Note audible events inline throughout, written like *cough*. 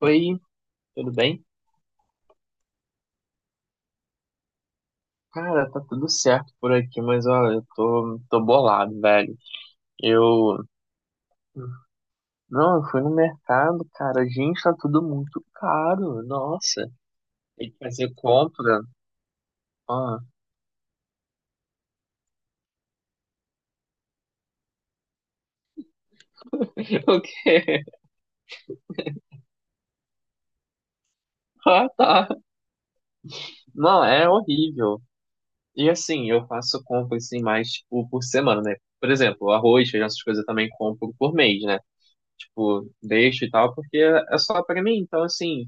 Oi, tudo bem? Cara, tá tudo certo por aqui, mas olha, eu tô bolado, velho. Eu. Não, eu fui no mercado, cara. Gente, tá tudo muito caro. Nossa, tem que fazer compra. Ah, *laughs* o quê? Ah, tá. Não, é horrível. E assim, eu faço compra assim mais, tipo, por semana, né? Por exemplo, arroz, feijão, essas coisas eu também compro por mês, né? Tipo, deixo e tal, porque é só pra mim. Então, assim,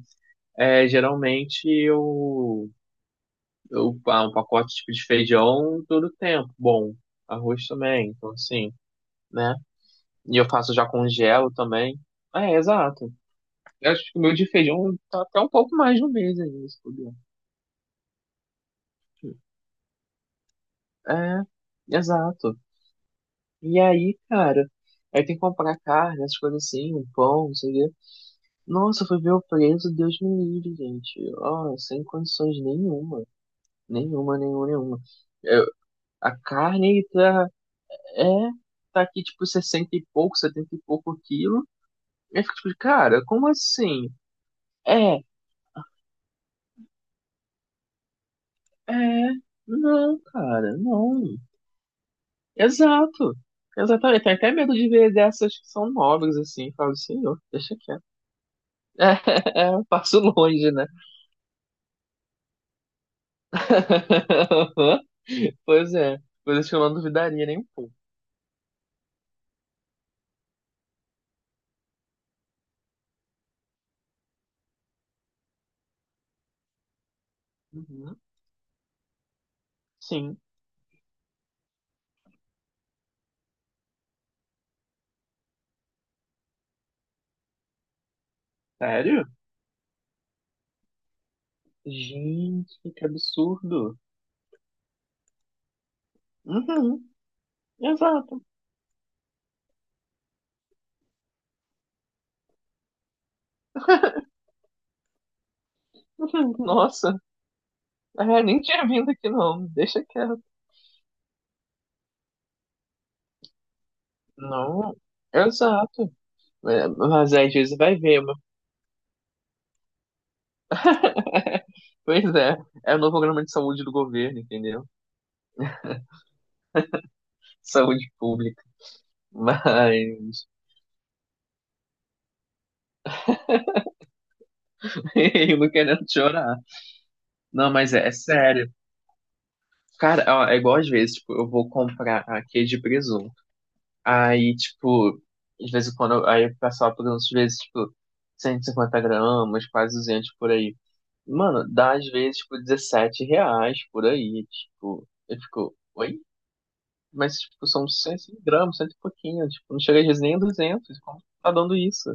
é, geralmente eu. Eu, um pacote tipo de feijão todo tempo. Bom, arroz também, então assim, né? E eu faço já congelo também. É, exato. Eu acho que o meu de feijão tá até um pouco mais de um mês ainda, se puder. É, exato. E aí, cara, aí tem que comprar carne, essas coisas assim, um pão, não sei o quê. Nossa, foi ver o preço, Deus me livre, gente. Ó, sem condições nenhuma. Nenhuma, nenhuma, nenhuma. Eu- a carne tá. É, tá aqui tipo 60 e pouco, 70 e pouco quilo. E eu fico tipo, cara, como assim? É, é, não, cara, não. Exato. Exatamente. Tenho até medo de ver dessas que são nobres, assim. Falo, senhor, deixa quieto. *laughs* É, é, um passo longe, né? *laughs* Pois é. Coisas que eu não duvidaria nem um pouco. Uhum. Sim. Sério? Gente, que absurdo. Uhum. Exato. Uhum. Nossa. É, nem tinha vindo aqui não, deixa quieto. Não, exato. É, mas às vezes vai ver, mas. *laughs* Pois é, é o novo programa de saúde do governo, entendeu? Saúde pública. Mas *laughs* eu não querendo chorar. Não, mas é sério. Cara, ó, é igual às vezes, tipo, eu vou comprar aqui de presunto. Aí, tipo, de vez em quando, aí o pessoal pergunta, às vezes, tipo, 150 gramas, quase 200 por aí. Mano, dá às vezes, tipo, 17 reais por aí, tipo, eu fico, oi? Mas, tipo, são 100 gramas, cento e pouquinho, tipo, não chega às vezes nem a 200, como tá dando isso?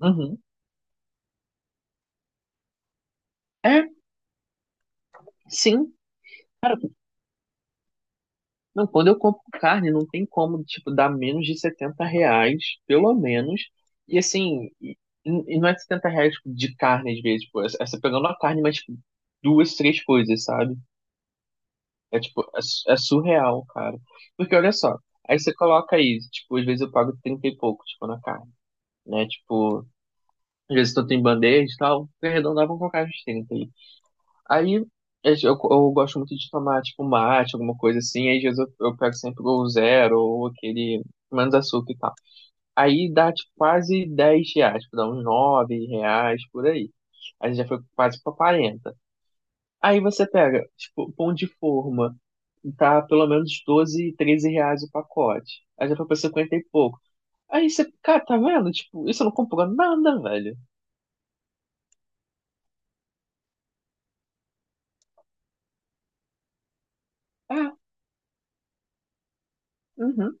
Uhum. É, sim, cara, não, quando eu compro carne, não tem como, tipo, dar menos de 70 reais, pelo menos, e assim, e não é 70 reais, tipo, de carne às vezes, tipo, essa pegando a carne, mas, tipo, duas, três coisas, sabe? É tipo, é surreal, cara. Porque olha só, aí você coloca aí, tipo, às vezes eu pago 30 e pouco, tipo, na carne, né? Tipo, às vezes tanto em bandeja e tal, arredondavam com colocar uns 30 aí. Aí eu, eu gosto muito de tomar, tipo, um mate, alguma coisa assim, aí às vezes eu pego sempre o zero ou aquele menos açúcar e tal. Aí dá, tipo, quase 10 reais, tipo, dá uns 9 reais por aí. Aí já foi quase pra 40. Aí você pega, tipo, pão de forma, tá pelo menos 12, 13 reais o pacote. Aí já foi pra 50 e pouco. Aí você, cara, tá vendo? Tipo, isso não comprou nada, velho. É, uhum,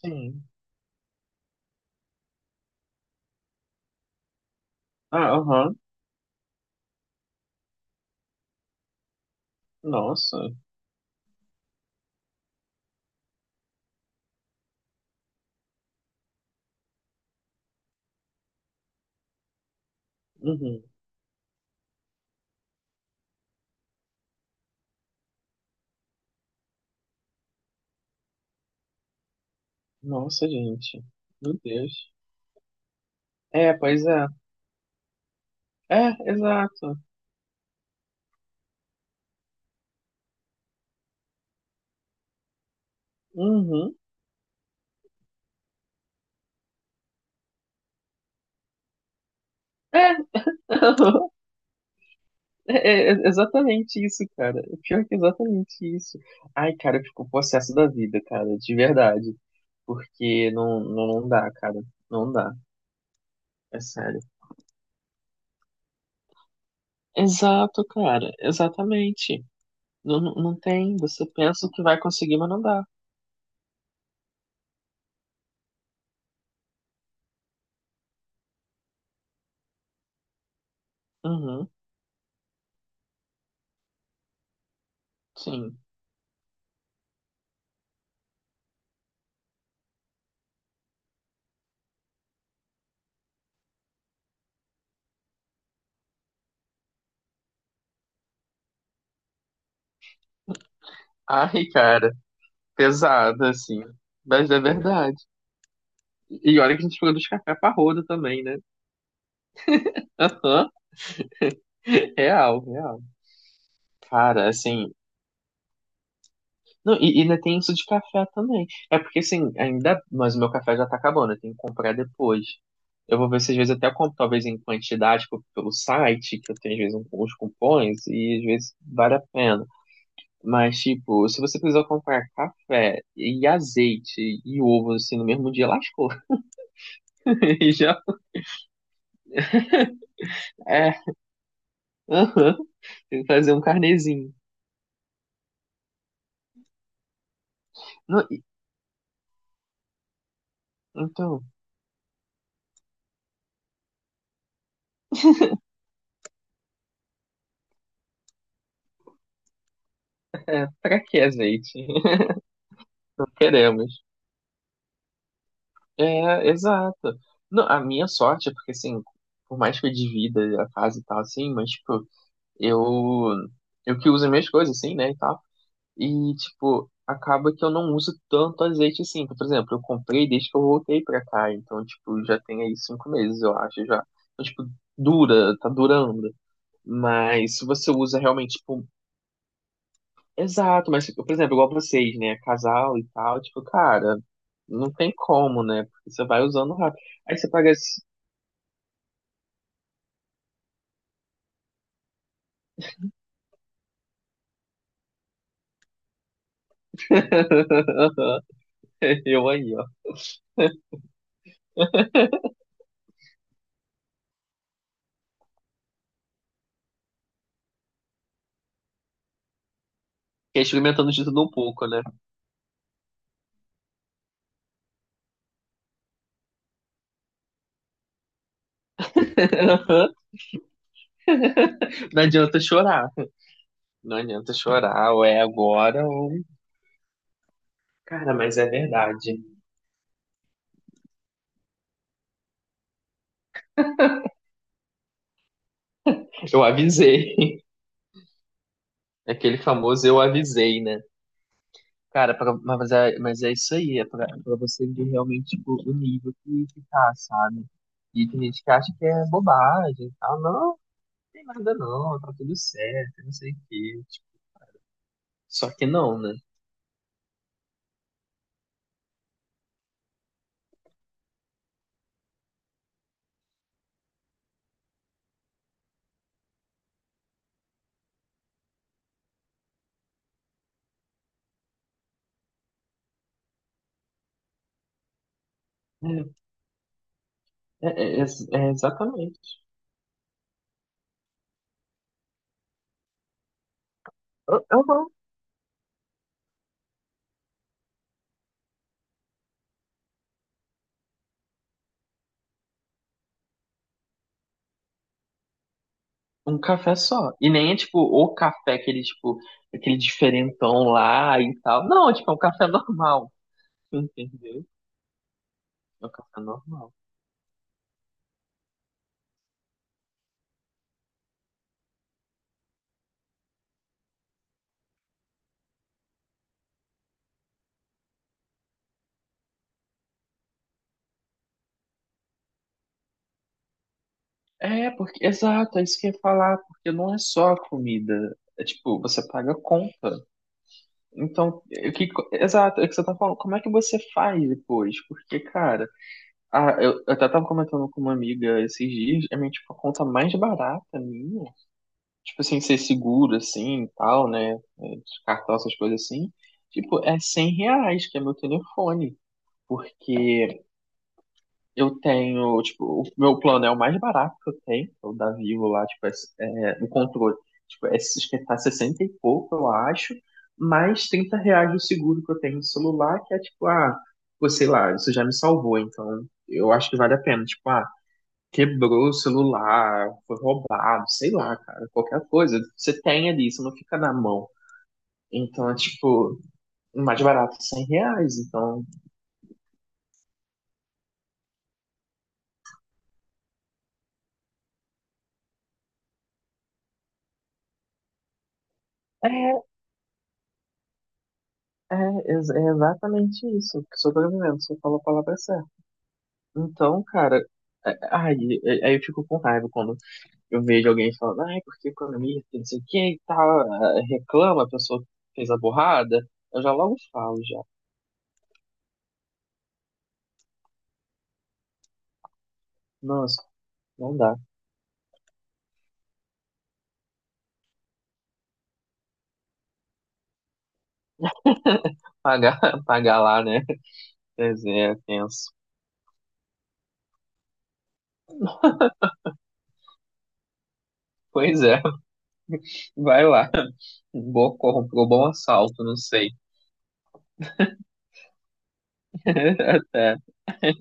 sim. Ah, aham, nossa. Uhum. Nossa, gente. Meu Deus. É, pois é. É, exato. Uhum. É, *laughs* é exatamente isso, cara. O pior é que é exatamente isso. Ai, cara, eu fico possesso da vida, cara, de verdade. Porque não, não, não dá, cara. Não dá. É sério. Exato, cara. Exatamente. Não, não tem. Você pensa que vai conseguir, mas não dá. Uhum, sim. Ai, cara. Pesado, assim. Mas é verdade. E olha que a gente falou dos café parrudo também, né? Aham. Real, real. Cara, assim. Não, e ainda tem isso de café também. É porque, assim, ainda. Mas o meu café já tá acabando, eu tenho que comprar depois. Eu vou ver se às vezes até eu compro, talvez em quantidade tipo, pelo site, que eu tenho às vezes uns cupons, e às vezes vale a pena. Mas, tipo, se você precisar comprar café e azeite e ovo, assim, no mesmo dia, lascou. *laughs* E já. É. Aham, tem que fazer um carnezinho. Não, então, pra que azeite? *laughs* Não queremos. É, exato. Não, a minha sorte é porque, assim, por mais que eu divida a casa e tal, assim, mas, tipo, eu, eu que uso as minhas coisas, assim, né, e tal. E, tipo, acaba que eu não uso tanto azeite, assim. Por exemplo, eu comprei desde que eu voltei pra cá, então, tipo, já tem aí 5 meses, eu acho, já. Então, tipo, dura, tá durando. Mas se você usa realmente, tipo, exato, mas, tipo, por exemplo, igual vocês, né? Casal e tal, tipo, cara, não tem como, né? Porque você vai usando rápido. Aí você paga esse. *laughs* Eu aí, ó. Fiquei experimentando de tudo um pouco, né? *laughs* Não adianta chorar. Não adianta chorar, ou é agora, ou. Cara, mas é verdade. Eu avisei. *laughs* Aquele famoso eu avisei, né? Cara, mas é isso aí, é pra você ver realmente tipo, o nível que tá, sabe? E tem gente que acha que é bobagem e tal. Não, não tem nada não, tá tudo certo, não sei o quê. Tipo, só que não, né? É, é, é, é exatamente. Eu não. Um café só. E nem é tipo o café, aquele tipo, aquele diferentão lá e tal. Não, tipo, é um café *laughs* normal. Entendeu? É um café normal. É, porque, exato, é isso que eu ia falar, porque não é só a comida. É tipo, você paga a conta. Então, exato, é o que você tá falando. Como é que você faz depois? Porque, cara, eu até tava comentando com uma amiga esses dias, é minha, tipo, a conta mais barata minha. Tipo assim, ser seguro, assim, e tal, né? De cartão, essas coisas assim. Tipo, é 100 reais, que é meu telefone. Porque eu tenho, tipo, o meu plano é o mais barato que eu tenho, é o da Vivo lá, tipo, é, o controle. Tipo, é, acho que tá 60 e pouco, eu acho, mais 30 reais do seguro que eu tenho no celular, que é tipo, pô, sei lá, isso já me salvou, então eu acho que vale a pena. Tipo, quebrou o celular, foi roubado, sei lá, cara, qualquer coisa. Você tem ali, isso não fica na mão. Então é tipo, o mais barato é 100 reais, então. É, é, é exatamente isso. que Sobrevivendo, você falou a palavra certa. Então, cara, ai, aí eu fico com raiva quando eu vejo alguém falando, ai, porque economia, que não sei o que e tal, reclama, a pessoa fez a burrada. Eu já logo falo, já. Nossa, não dá. Pagar, *laughs* pagar lá, né? Pois é, tenso. Pois é, *laughs* vai lá. Boa, comprou bom assalto, não sei. *laughs* Até.